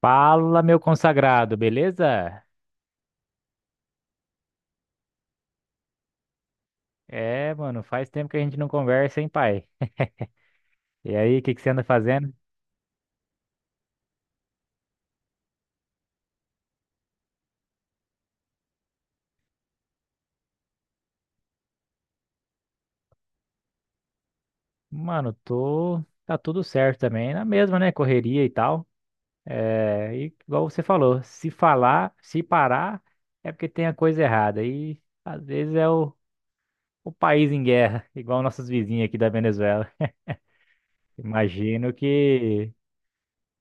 Fala, meu consagrado, beleza? É, mano, faz tempo que a gente não conversa, hein, pai? E aí, o que que você anda fazendo? Mano, tô. Tá tudo certo também, na mesma, né? Correria e tal. É, e igual você falou, se falar, se parar, é porque tem a coisa errada. E às vezes é o país em guerra, igual nossos vizinhos aqui da Venezuela. Imagino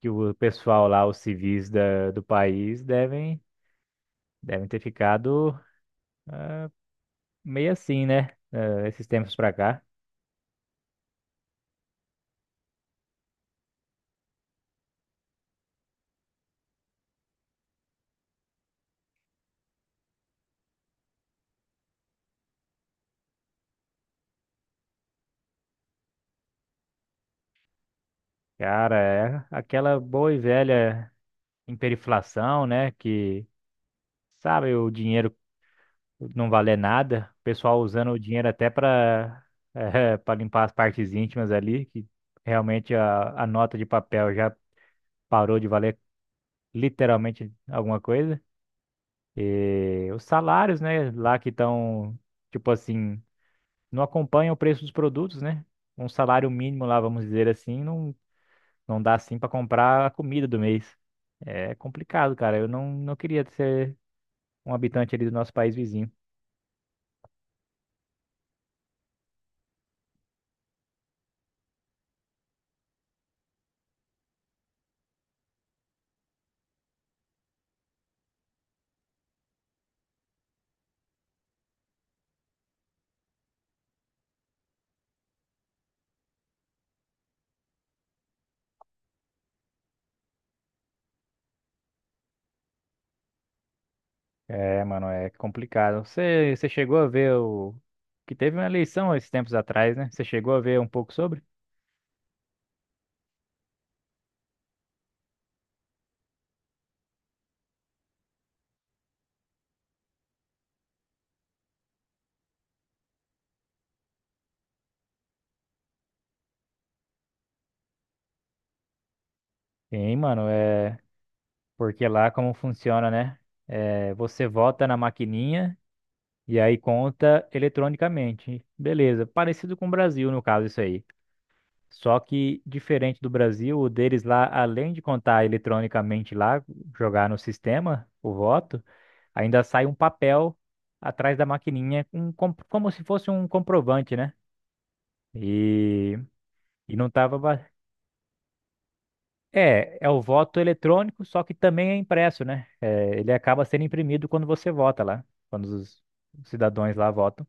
que o pessoal lá, os civis do país, devem ter ficado. Meio assim, né? Esses tempos pra cá. Cara, é aquela boa e velha hiperinflação, né? Que, sabe, o dinheiro não valer nada. O pessoal usando o dinheiro até pra, pra limpar as partes íntimas ali, que realmente a nota de papel já parou de valer literalmente alguma coisa. E os salários, né? Lá que estão, tipo assim, não acompanham o preço dos produtos, né? Um salário mínimo lá, vamos dizer assim, não. Não dá assim pra comprar a comida do mês. É complicado, cara. Eu não queria ser um habitante ali do nosso país vizinho. É, mano, é complicado. Você chegou a ver o... que teve uma eleição esses tempos atrás, né? Você chegou a ver um pouco sobre? Sim, mano, é porque lá como funciona, né? É, você vota na maquininha e aí conta eletronicamente. Beleza, parecido com o Brasil no caso isso aí. Só que, diferente do Brasil, o deles lá, além de contar eletronicamente lá, jogar no sistema, o voto, ainda sai um papel atrás da maquininha, um, como se fosse um comprovante, né? E, e não tava. É, é o voto eletrônico, só que também é impresso, né? É, ele acaba sendo imprimido quando você vota lá, quando os cidadãos lá votam.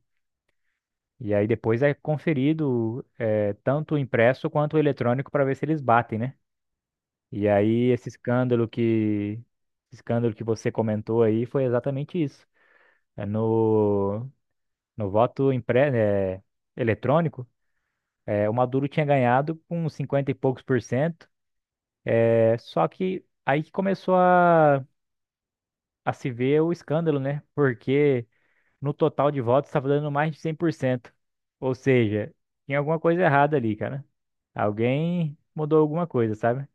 E aí depois é conferido, é, tanto o impresso quanto o eletrônico para ver se eles batem, né? E aí esse escândalo que você comentou aí foi exatamente isso. É no voto eletrônico, é, o Maduro tinha ganhado com 50 e poucos por cento. É, só que aí que começou a se ver o escândalo, né? Porque no total de votos estava dando mais de 100%. Ou seja, tinha alguma coisa errada ali, cara. Alguém mudou alguma coisa, sabe?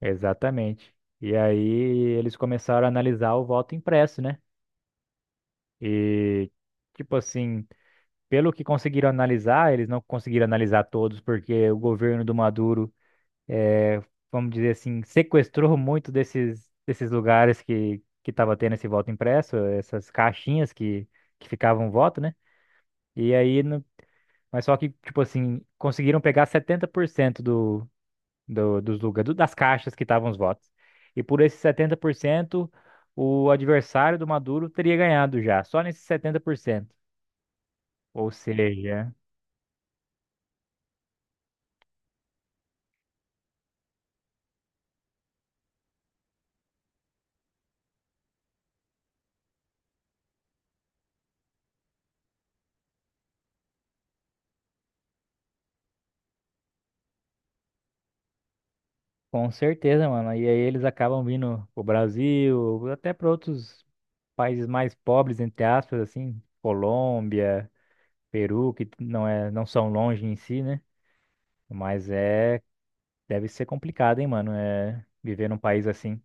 Exatamente. E aí eles começaram a analisar o voto impresso, né? E, tipo assim, pelo que conseguiram analisar, eles não conseguiram analisar todos, porque o governo do Maduro, eh, vamos dizer assim, sequestrou muito desses lugares que estava tendo esse voto impresso, essas caixinhas que ficavam o voto, né? E aí, no- Mas só que, tipo assim, conseguiram pegar 70% dos lugares, das caixas que estavam os votos. E por esses 70% o adversário do Maduro teria ganhado já, só nesses 70%. Ou seja, com certeza, mano. E aí eles acabam vindo pro Brasil, até para outros países mais pobres, entre aspas, assim, Colômbia, Peru, que não são longe em si, né? Mas é, deve ser complicado, hein, mano, é viver num país assim.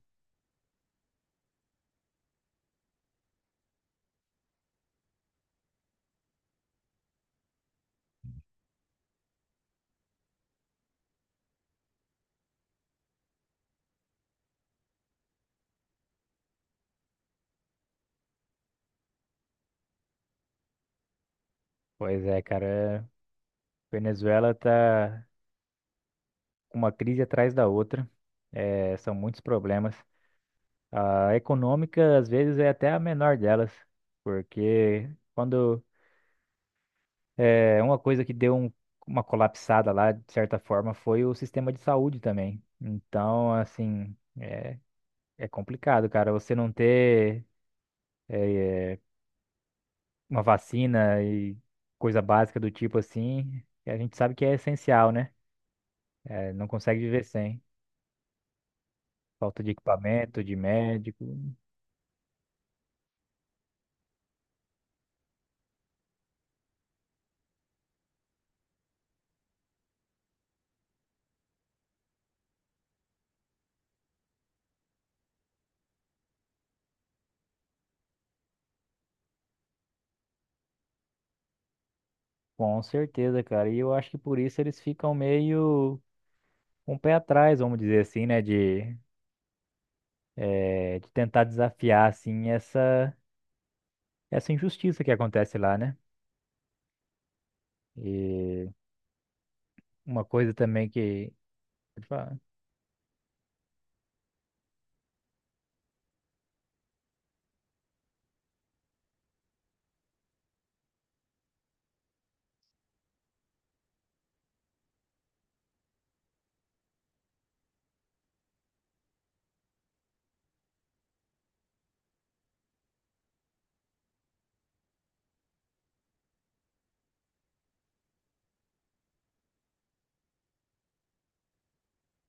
Pois é, cara, Venezuela tá uma crise atrás da outra. É, são muitos problemas. A econômica, às vezes, é até a menor delas, porque quando é uma coisa que uma colapsada lá, de certa forma, foi o sistema de saúde também. Então, assim, é complicado, cara. Você não ter é, uma vacina e coisa básica do tipo assim, a gente sabe que é essencial, né? É, não consegue viver sem. Falta de equipamento, de médico. Com certeza, cara. E eu acho que por isso eles ficam meio com o pé atrás, vamos dizer assim, né? De tentar desafiar, assim, essa injustiça que acontece lá, né? E uma coisa também que. Pode falar.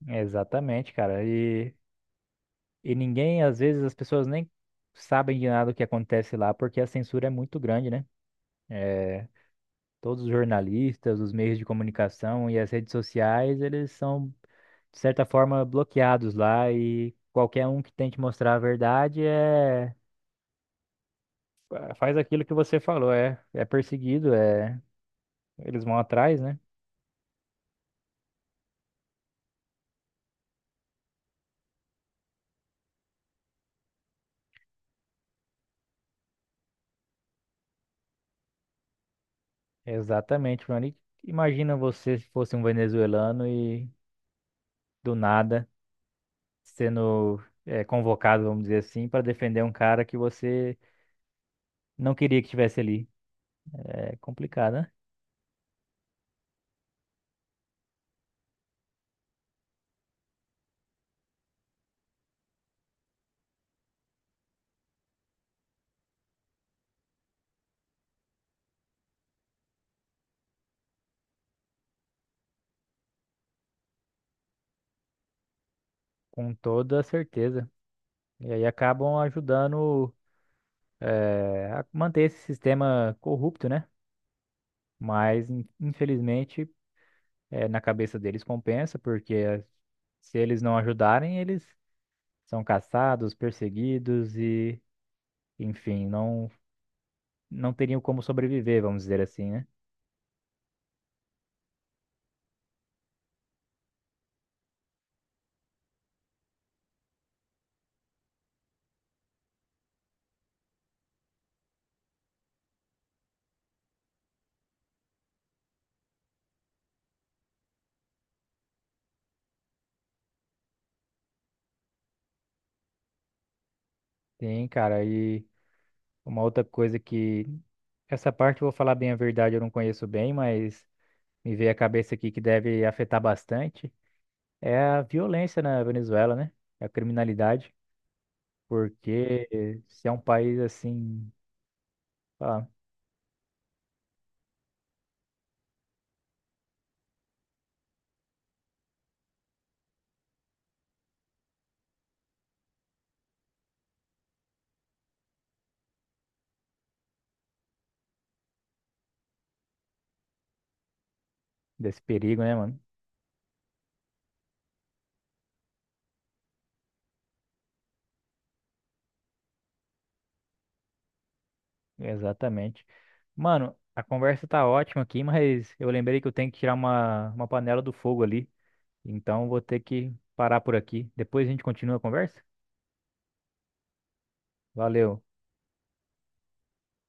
Exatamente, cara. E ninguém, às vezes, as pessoas nem sabem de nada o que acontece lá, porque a censura é muito grande, né? Eh, Todos os jornalistas, os meios de comunicação e as redes sociais, eles são de certa forma, bloqueados lá e qualquer um que tente mostrar a verdade é, faz aquilo que você falou, é perseguido, é eles vão atrás, né? Exatamente, Rony. Imagina você se fosse um venezuelano e do nada sendo é, convocado, vamos dizer assim, para defender um cara que você não queria que estivesse ali. É complicado, né? Com toda certeza. E aí acabam ajudando é, a manter esse sistema corrupto, né? Mas infelizmente na cabeça deles compensa, porque se eles não ajudarem, eles são caçados, perseguidos enfim, não teriam como sobreviver, vamos dizer assim, né? Sim, cara, e uma outra coisa que essa parte, eu vou falar bem a verdade, eu não conheço bem, mas me veio a cabeça aqui que deve afetar bastante é a violência na Venezuela, né? A criminalidade, porque se é um país assim, sei lá, desse perigo, né, mano? Exatamente. Mano, a conversa tá ótima aqui, mas eu lembrei que eu tenho que tirar uma panela do fogo ali. Então vou ter que parar por aqui. Depois a gente continua a conversa. Valeu.